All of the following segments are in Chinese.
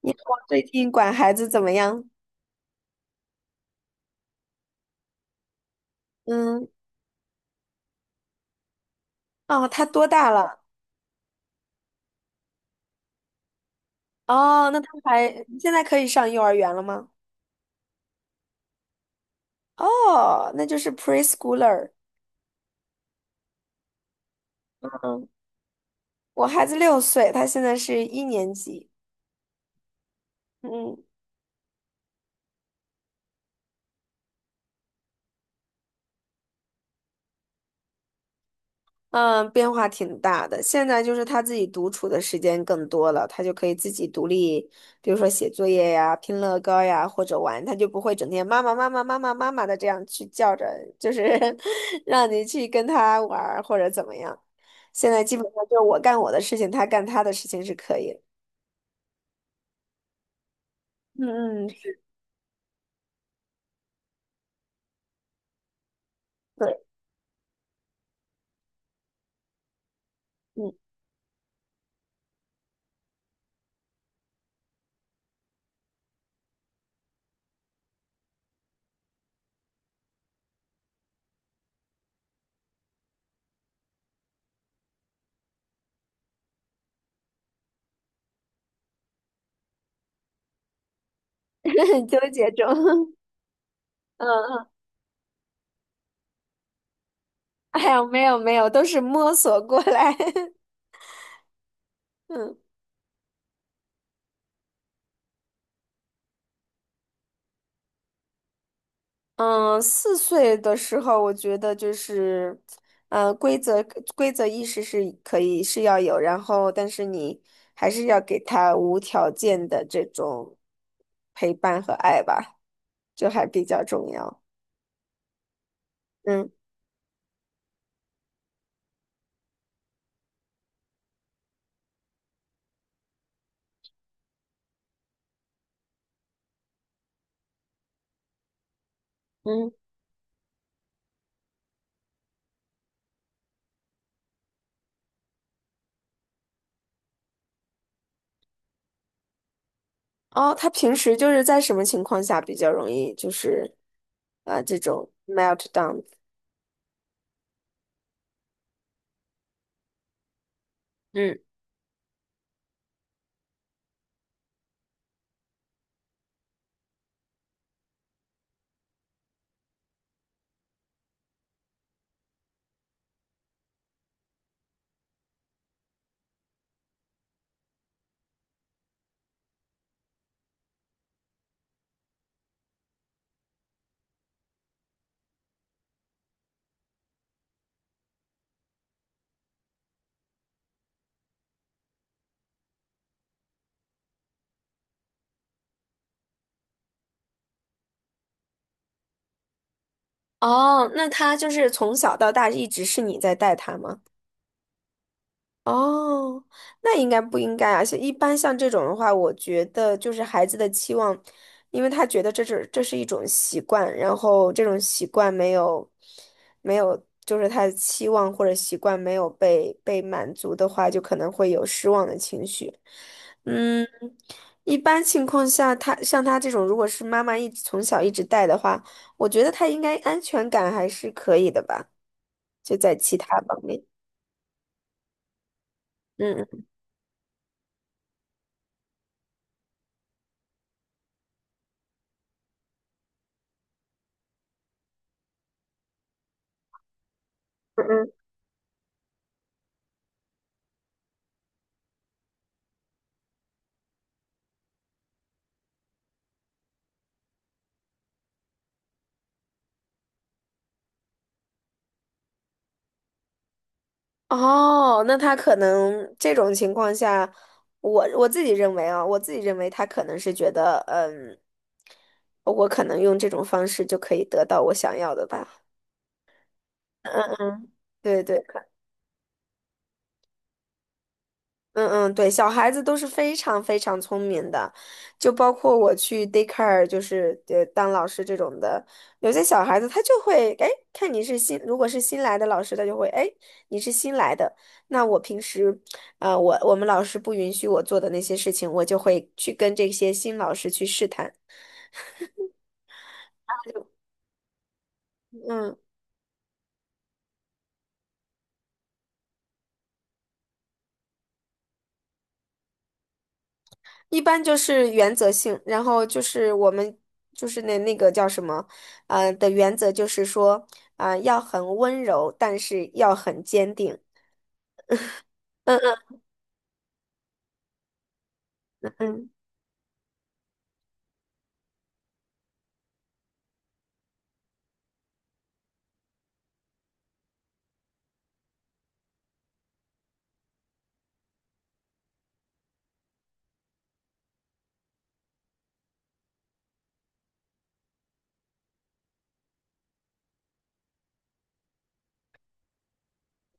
你老公最近管孩子怎么样？嗯，哦，他多大了？哦，那他还现在可以上幼儿园了吗？哦，那就是 preschooler。嗯，我孩子六岁，他现在是一年级。嗯，嗯，变化挺大的。现在就是他自己独处的时间更多了，他就可以自己独立，比如说写作业呀、拼乐高呀，或者玩，他就不会整天妈妈妈妈妈妈妈妈的这样去叫着，就是 让你去跟他玩儿或者怎么样。现在基本上就是我干我的事情，他干他的事情是可以的。嗯嗯，对，嗯，纠结中，嗯嗯，哎呀，没有没有，都是摸索过来。嗯。嗯，四岁的时候，我觉得就是，呃，规则规则意识是可以是要有，然后但是你还是要给他无条件的这种陪伴和爱吧，就还比较重要。嗯嗯，哦，他平时就是在什么情况下比较容易就是啊这种 meltdown？嗯，哦，那他就是从小到大一直是你在带他吗？哦，那应该不应该啊？像一般像这种的话，我觉得就是孩子的期望，因为他觉得这是一种习惯，然后这种习惯没有，就是他的期望或者习惯没有被满足的话，就可能会有失望的情绪。嗯，一般情况下，他像他这种，如果是妈妈一直从小一直带的话，我觉得他应该安全感还是可以的吧，就在其他方面。嗯嗯。哦，那他可能这种情况下，我自己认为啊，我自己认为他可能是觉得，嗯，我可能用这种方式就可以得到我想要的吧。对对。嗯嗯，对，小孩子都是非常非常聪明的，就包括我去 daycare，就是当老师这种的，有些小孩子他就会，哎，看你是新，如果是新来的老师，他就会，哎，你是新来的，那我平时，我们老师不允许我做的那些事情，我就会去跟这些新老师去试探。嗯。一般就是原则性，然后就是我们就是那个叫什么，的原则就是说，要很温柔，但是要很坚定。嗯嗯嗯。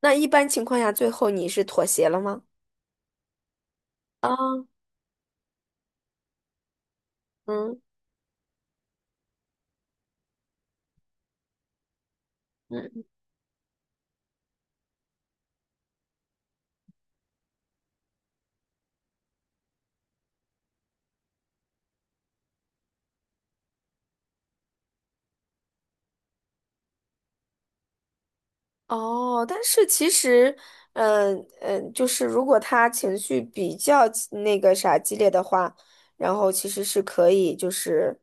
那一般情况下，最后你是妥协了吗？啊，嗯嗯。哦，但是其实，嗯嗯，就是如果他情绪比较激那个啥激烈的话，然后其实是可以就是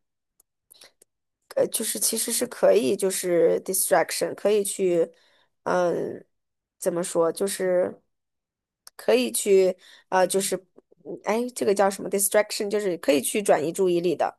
就是其实是可以，就是 distraction 可以去，嗯，怎么说，就是可以去，就是嗯哎，这个叫什么 distraction，就是可以去转移注意力的。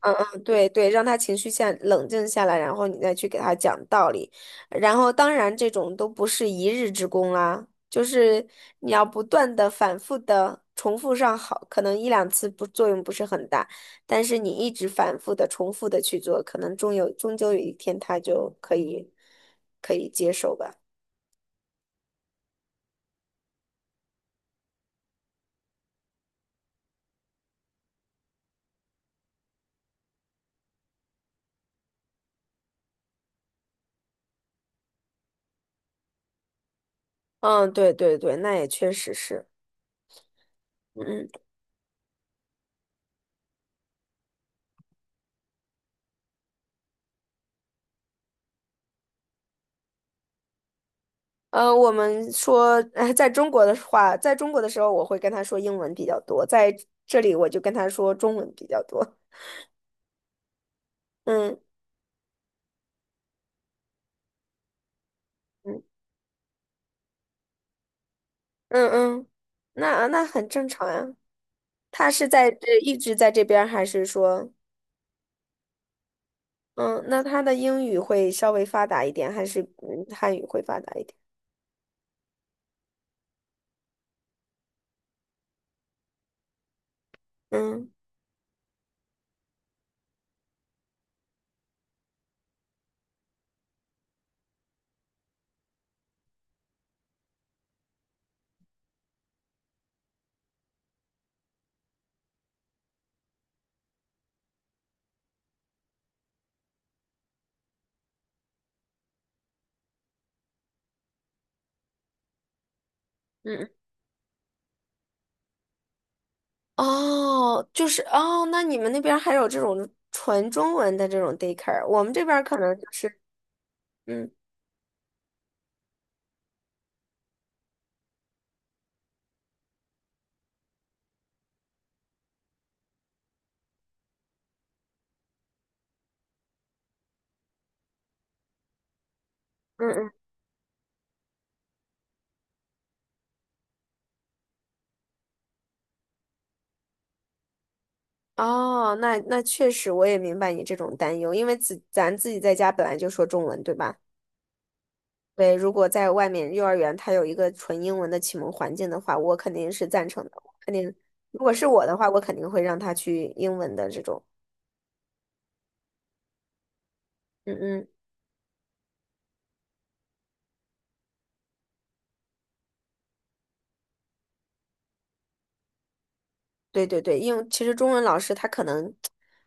嗯嗯，对对，让他情绪下冷静下来，然后你再去给他讲道理。然后当然这种都不是一日之功啦，就是你要不断的反复的重复上好，可能一两次不作用不是很大。但是你一直反复的、重复的去做，可能终究有一天他就可以接受吧。嗯，对对对，那也确实是。嗯，我们说，在中国的话，在中国的时候，我会跟他说英文比较多，在这里我就跟他说中文比较多。嗯嗯嗯嗯，那很正常呀。他是一直在这边儿还是说，嗯，那他的英语会稍微发达一点，还是嗯汉语会发达一点？嗯。嗯嗯哦，就是哦，那你们那边儿还有这种纯中文的这种 daycare，我们这边儿可能就是，嗯嗯嗯，哦，那确实我也明白你这种担忧，因为咱自己在家本来就说中文，对吧？对，如果在外面幼儿园它有一个纯英文的启蒙环境的话，我肯定是赞成的，我肯定，如果是我的话，我肯定会让他去英文的这种，嗯嗯，对对对，因为其实中文老师他可能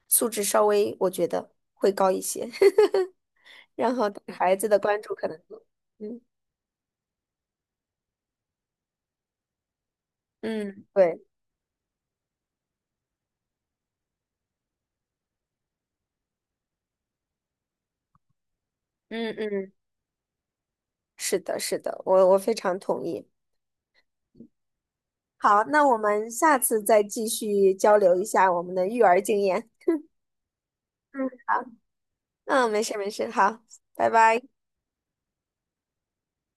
素质稍微，我觉得会高一些。然后对孩子的关注可能更嗯嗯，对，嗯嗯，是的，是的，我非常同意。好，那我们下次再继续交流一下我们的育儿经验。嗯，好，嗯，没事没事，好，拜拜。